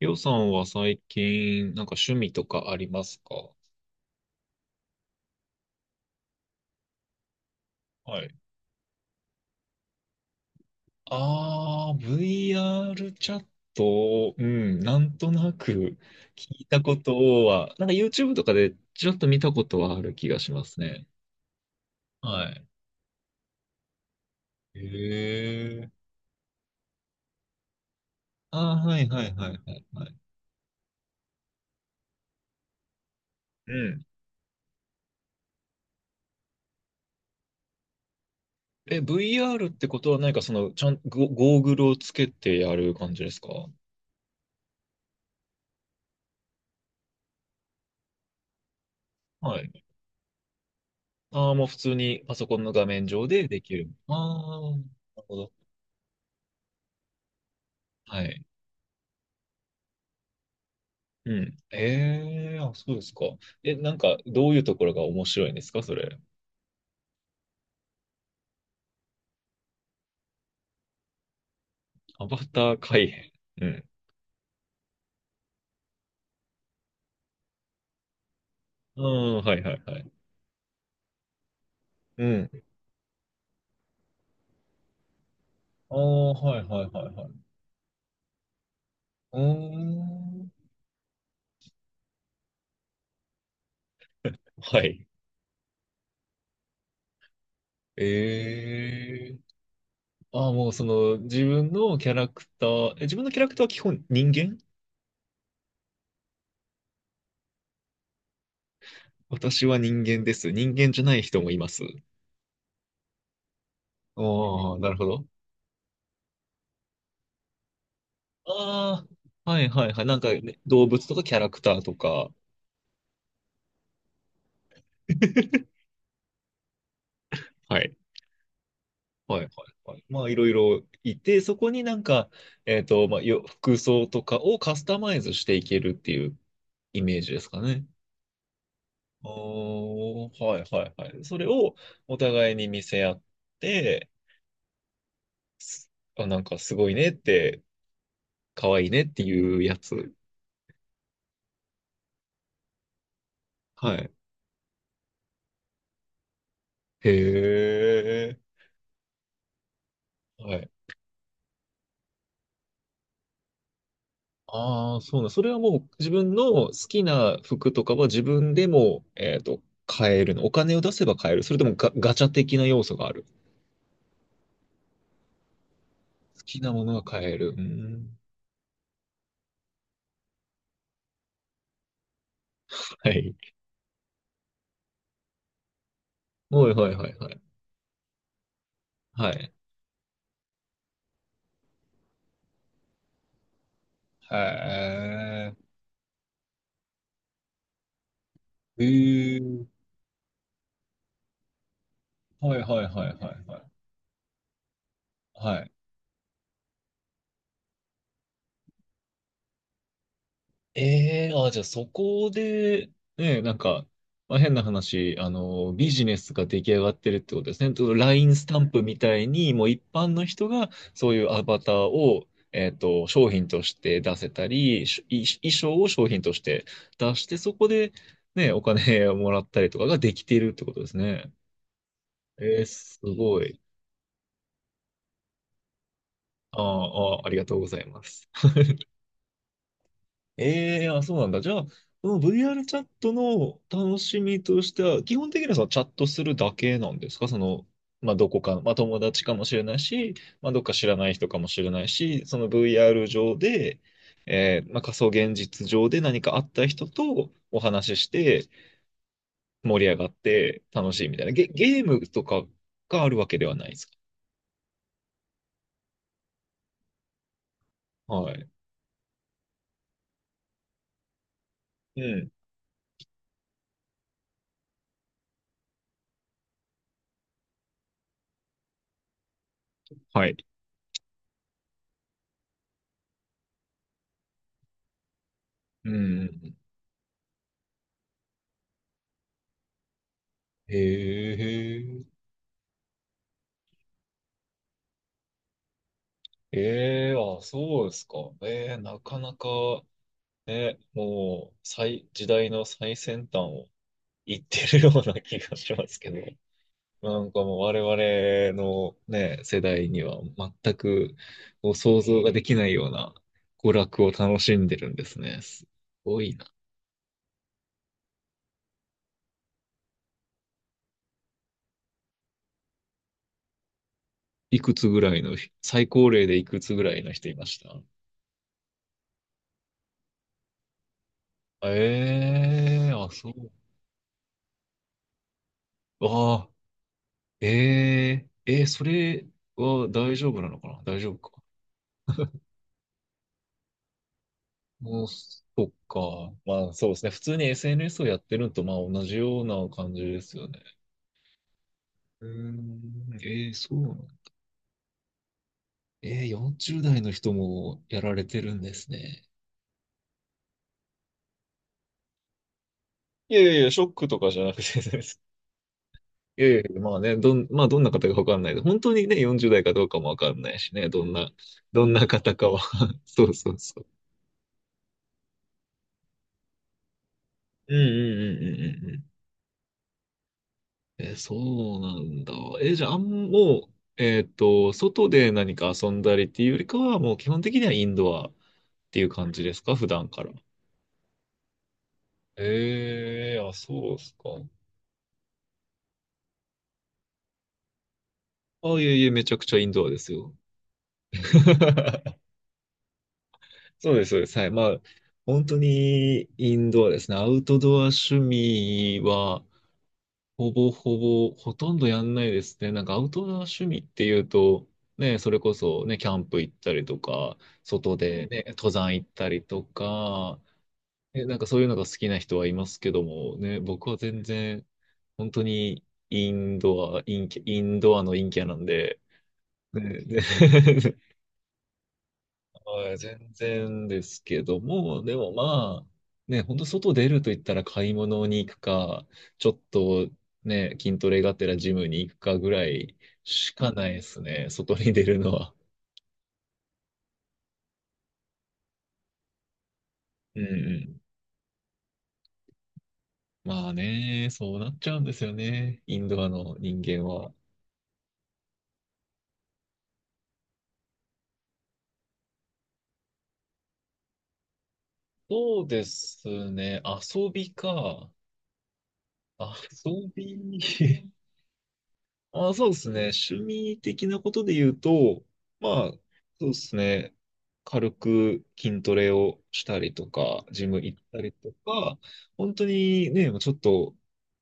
りょうさんは最近、なんか趣味とかありますか？はい。ああ、VR チャット、うん、なんとなく聞いたことは、なんか YouTube とかでちょっと見たことはある気がしますね。はい。へえ。ああ、はいはいはいはいはい。うん。え、VR ってことは何かその、ちゃん、ゴゴーグルをつけてやる感じですか？はい。ああ、もう普通にパソコンの画面上でできる。ああ、なるほど。はい。うん。ええーあ、そうですか。え、なんか、どういうところが面白いんですか、それ。アバター改変。うん。うん、はいはいはい。うん。ああ、はいはいはいはい。うーん。はい。ええーああ、もうその、自分のキャラクターは基本人間、私は人間です。人間じゃない人もいます。ああ、なるほど。ああ、はいはいはい。なんかね、動物とかキャラクターとか。はい。はいはいはい。まあ、いろいろいて、そこになんか、まあ、服装とかをカスタマイズしていけるっていうイメージですかね。おあ、はいはいはい。それをお互いに見せ合って、あ、なんかすごいねって、可愛いねっていうやつ。はい。へえ。はい。ああ、そうなん。それはもう自分の好きな服とかは自分でも、買えるの。お金を出せば買える。それともガチャ的な要素がある。好きなものが買える。うん。はい。はいはいはいはい。はい。へえ。へえ。はいはいはいはいはい。はい。ええーあ、じゃあそこで、ね、なんか、まあ、変な話、ビジネスが出来上がってるってことですね。と LINE スタンプみたいに、もう一般の人がそういうアバターを、商品として出せたり、衣装を商品として出して、そこで、ね、お金をもらったりとかができているってことですね。えー、すごい。あーあー、ありがとうございます。えー、あ、そうなんだ。じゃあ、その VR チャットの楽しみとしては、基本的にはそのチャットするだけなんですか？その、まあ、どこか、まあ、友達かもしれないし、まあ、どっか知らない人かもしれないし、その VR 上で、まあ、仮想現実上で何かあった人とお話しして、盛り上がって楽しいみたいな。ゲームとかがあるわけではないですか？はい。うん。はい。うん。へえ、ええ、あ、そうですか。ええ、なかなか、ね、もう、時代の最先端を行ってるような気がしますけど、なんかもう我々のね、世代には全くこう想像ができないような娯楽を楽しんでるんですね。すごいな。いくつぐらいの、最高齢でいくつぐらいの人いました？ええ、あ、そう。あ、えー、えー、それは大丈夫なのかな、大丈夫か。もう、そっか。まあ、そうですね。普通に SNS をやってるのと、まあ、同じような感じですよね。うーん、えー、そうなの。えー、40代の人もやられてるんですね。いやいやいや、ショックとかじゃなくてです。いやいやいや、まあね、まあどんな方かわかんない。本当にね、40代かどうかもわかんないしね、どんな方かは。そうそうそう。うんうんうんうんうん、え、そうなんだ。え、じゃあ、もう、外で何か遊んだりっていうよりかは、もう基本的にはインドアっていう感じですか、普段から。ええ、あ、そうですか。あ、いえいえ、めちゃくちゃインドアですよ。そうです、そうです。はい。まあ、本当にインドアですね。アウトドア趣味は、ほぼほぼ、ほとんどやんないですね。なんかアウトドア趣味っていうと、ね、それこそね、キャンプ行ったりとか、外でね、登山行ったりとか、ね、なんかそういうのが好きな人はいますけども、ね、僕は全然、本当にインドア、インドアの陰キャなんで、ね、ね はい、全然ですけども、でもまあ、ね、本当外出ると言ったら買い物に行くか、ちょっとね、筋トレがてらジムに行くかぐらいしかないですね、外に出るのは。うんうん。まあね、そうなっちゃうんですよね、インドアの人間は。そうですね、遊びか。遊び。あ、そうですね。趣味的なことで言うと、まあ、そうですね。軽く筋トレをしたりとか、ジム行ったりとか、本当にね、もうちょっと、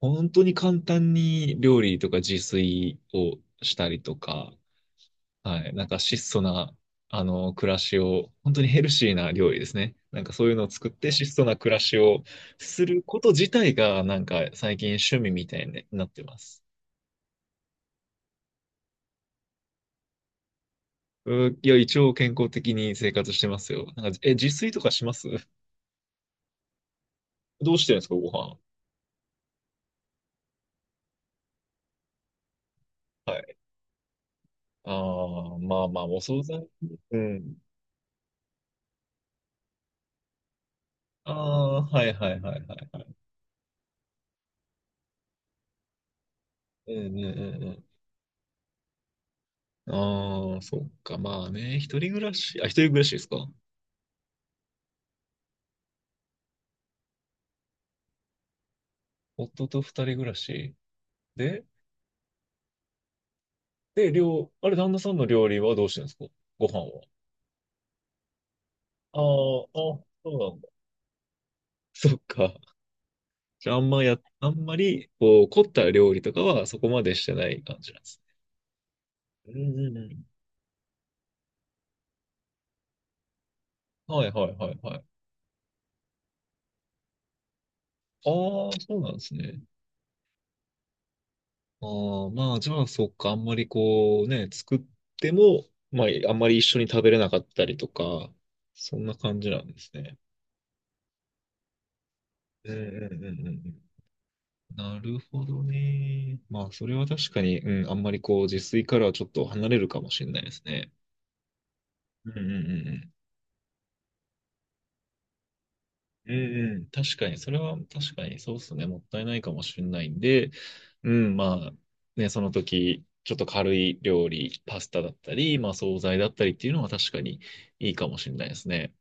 本当に簡単に料理とか自炊をしたりとか、はい、なんか質素な、暮らしを、本当にヘルシーな料理ですね。なんかそういうのを作って質素な暮らしをすること自体が、なんか最近趣味みたいになってます。いや、一応健康的に生活してますよ。なんか、え、自炊とかします？どうしてるんですか、ご飯。はい。ああ、まあまあ、お惣菜。うん。ああ、はいはいはいはい。うんうんうんうん。ああ、そっか。まあね、一人暮らしですか。夫と二人暮らし。で、料、あれ、旦那さんの料理はどうしてるんですか？ご飯は。ああ、あ、そうなんだ。そっか。じゃあ、あんまや、あんまり、こう、凝った料理とかはそこまでしてない感じなんですね。うんうんうん。はいはいはいはい。ああ、そうなんですね。ああ、まあ、じゃあ、そっか、あんまりこうね、作っても、まあ、あんまり一緒に食べれなかったりとか、そんな感じなんですね。うんうんうんうんうん。なるほどね。まあ、それは確かに、うん、あんまりこう、自炊からはちょっと離れるかもしれないですね。うんうんうんうん。うんうん、確かに、それは確かにそうですね、もったいないかもしれないんで、うん、まあ、ね、その時、ちょっと軽い料理、パスタだったり、まあ、惣菜だったりっていうのは確かにいいかもしれないですね。